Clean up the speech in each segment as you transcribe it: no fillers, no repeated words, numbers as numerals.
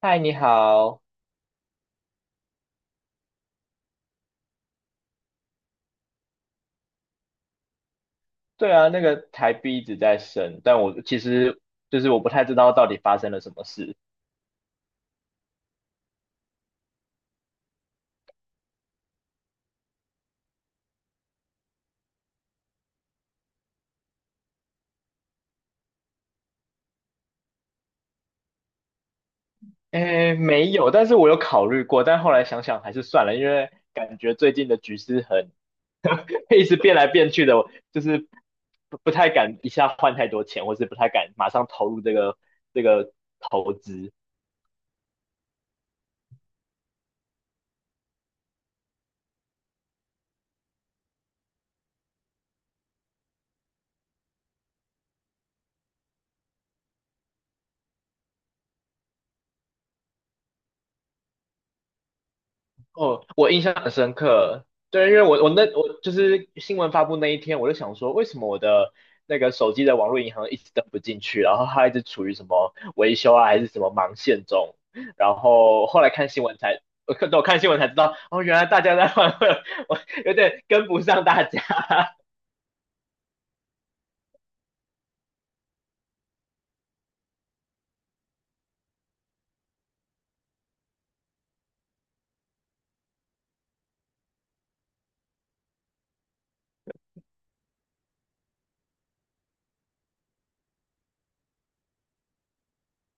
嗨，你好。对啊，那个台币一直在升，但我其实我不太知道到底发生了什么事。诶，没有，但是我有考虑过，但后来想想还是算了，因为感觉最近的局势很 一直变来变去的，我就是不太敢一下换太多钱，或是不太敢马上投入这个投资。哦，我印象很深刻，对，因为我就是新闻发布那一天，我就想说，为什么我的那个手机的网络银行一直登不进去，然后它一直处于什么维修啊，还是什么忙线中，然后后来看新闻才，我看新闻才知道，哦，原来大家在 换汇，我有点跟不上大家，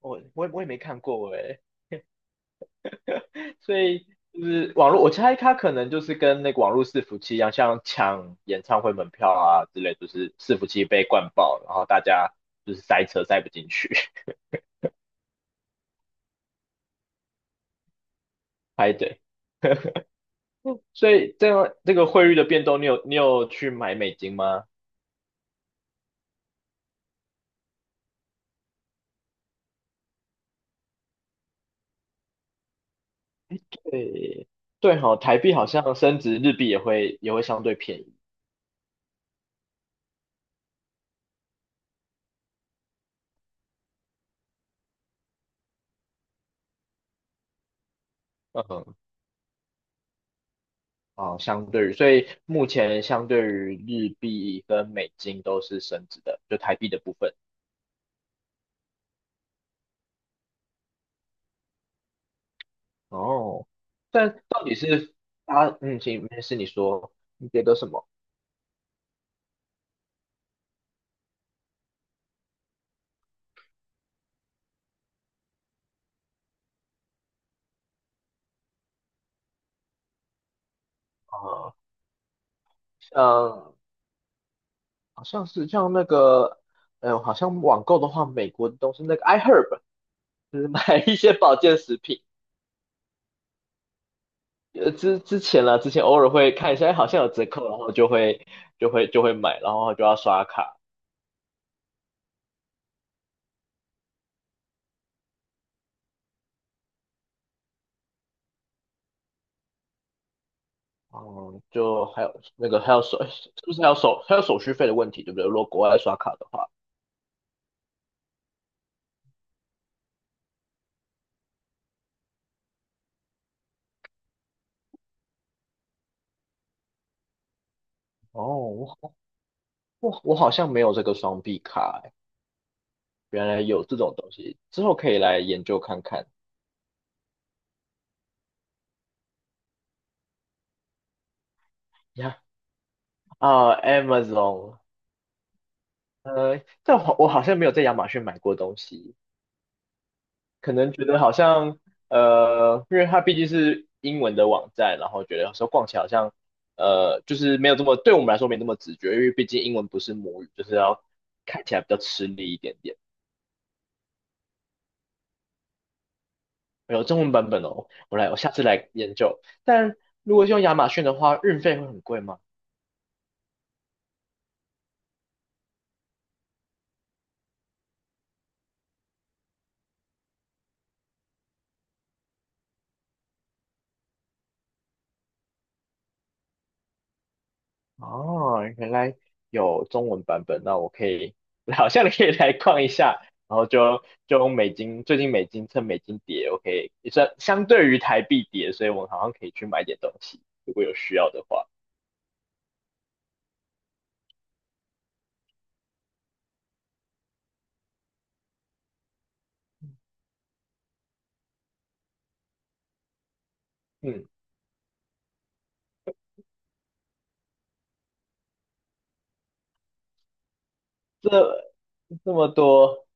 我也没看过诶，所以就是网络，我猜他可能就是跟那个网络伺服器一样，像抢演唱会门票啊之类，就是伺服器被灌爆，然后大家就是塞车塞不进去 排队。嗯所以这样这个汇率的变动，你有去买美金吗？对对哈，台币好像升值，日币也会相对便宜。嗯，哦，相对于，所以目前相对于日币跟美金都是升值的，就台币的部分。哦，但到底是他，嗯，行，没事，你说，你觉得什么？啊？嗯，好像是像那个，好像网购的话，美国的东西那个 iHerb，就是买 一些保健食品，之前啦，之前偶尔会看一下，哎好像有折扣，然后就会买，然后就要刷卡，嗯，就还有那个还有手，是不是还有手还有手续费的问题，对不对？如果国外刷卡的话，哦，我好像没有这个双币卡，原来有这种东西，之后可以来研究看看。呀，啊，Amazon，但我好像没有在亚马逊买过东西，可能觉得好像，因为它毕竟是英文的网站，然后觉得有时候逛起来好像，就是没有这么，对我们来说没那么直觉，因为毕竟英文不是母语，就是要看起来比较吃力一点点。有中文版本哦，我来，我下次来研究。但如果是用亚马逊的话，运费会很贵吗？哦，原来有中文版本，那我可以，好像可以来逛一下，然后就用美金，最近美金趁美金跌，我可以也算相对于台币跌，所以我好像可以去买点东西，如果有需要的话。嗯，这么多，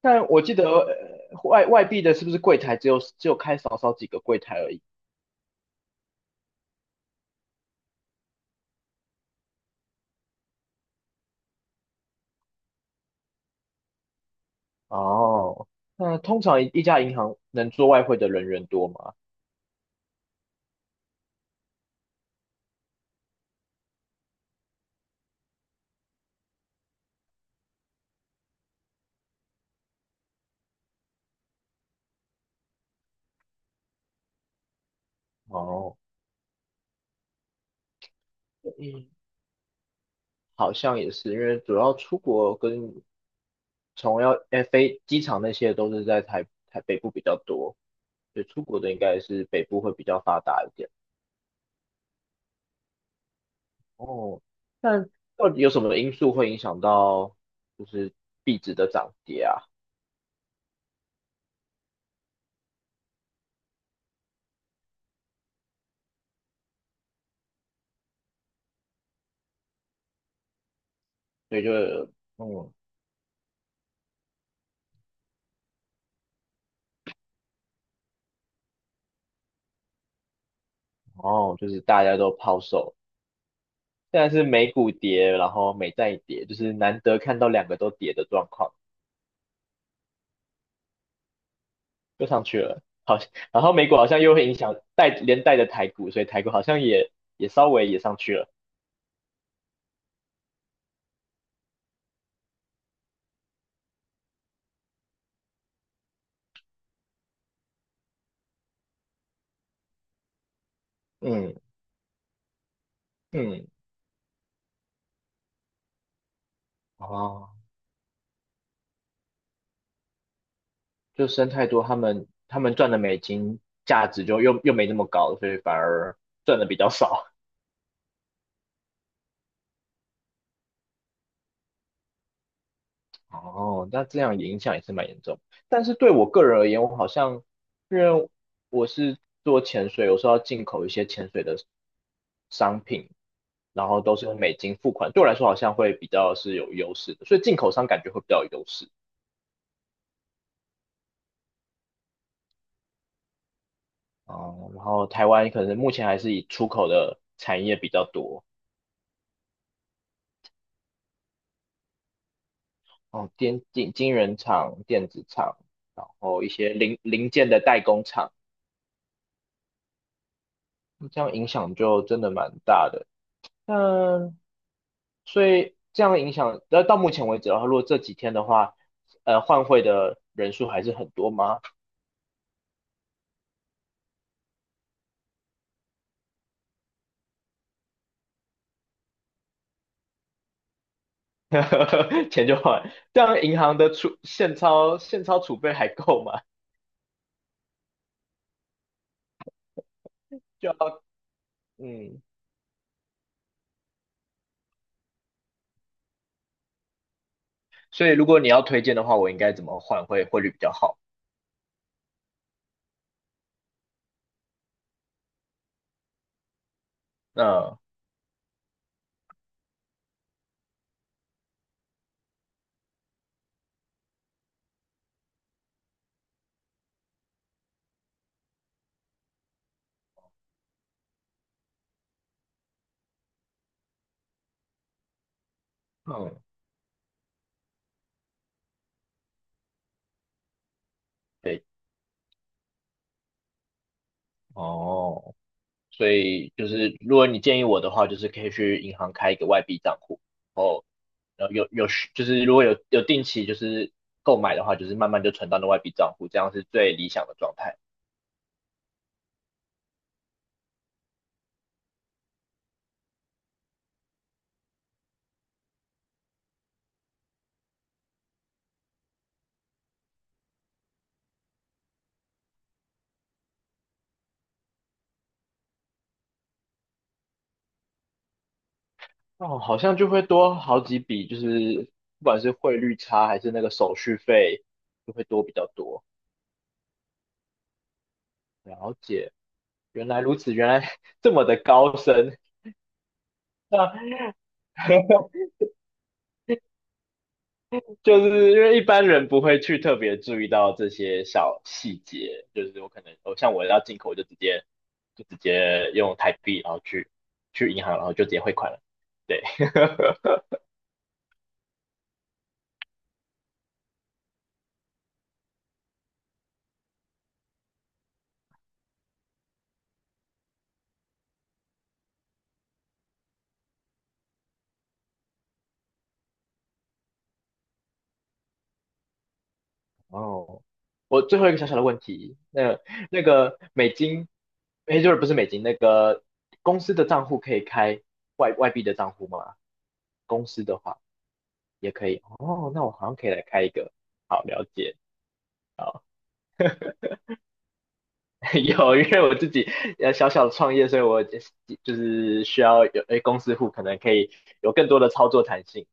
但我记得外币的是不是柜台只有开少少几个柜台而已？哦，那通常一家银行能做外汇的人员多吗？哦，嗯，好像也是，因为主要出国跟从要哎飞机场那些都是在台北部比较多，所以出国的应该是北部会比较发达一点。哦，但到底有什么因素会影响到就是币值的涨跌啊？所以就嗯，哦，就是大家都抛售，现在是美股跌，然后美债也跌，就是难得看到两个都跌的状况，又上去了。好，然后美股好像又会影响带连带的台股，所以台股好像也稍微也上去了。嗯嗯，哦，就生太多，他们赚的美金价值就又没那么高，所以反而赚的比较少。哦，那这样影响也是蛮严重。但是对我个人而言，我好像因为我是做潜水，有时候要进口一些潜水的商品，然后都是用美金付款，对我来说好像会比较是有优势的，所以进口商感觉会比较有优势。哦，然后台湾可能目前还是以出口的产业比较多，哦，晶圆厂、电子厂，然后一些零件的代工厂，这样影响就真的蛮大的。那所以这样影响，那到目前为止的话，如果这几天的话，换汇的人数还是很多吗？钱就换，这样银行的储现钞储备还够吗？就要嗯，所以如果你要推荐的话，我应该怎么换汇汇率比较好？那嗯，对，哦。所以就是如果你建议我的话，就是可以去银行开一个外币账户，然后然后有就是如果有定期就是购买的话，就是慢慢就存到那外币账户，这样是最理想的状态。哦，好像就会多好几笔，就是不管是汇率差还是那个手续费，就会多比较多。了解，原来如此，原来 这么的高深。那 就是因为一般人不会去特别注意到这些小细节，就是我可能，哦，像我要进口，我就直接用台币，然后去银行，然后就直接汇款了。对，哦，我最后一个小小的问题，那那个美金，哎，就是不是美金，那个公司的账户可以开外币的账户吗？公司的话也可以。哦，那我好像可以来开一个。好，了解。有，因为我自己小小的创业，所以我就是需要有诶公司户可能可以有更多的操作弹性。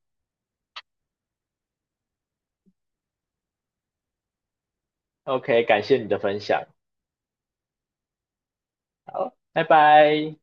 OK，感谢你的分享，好，拜拜。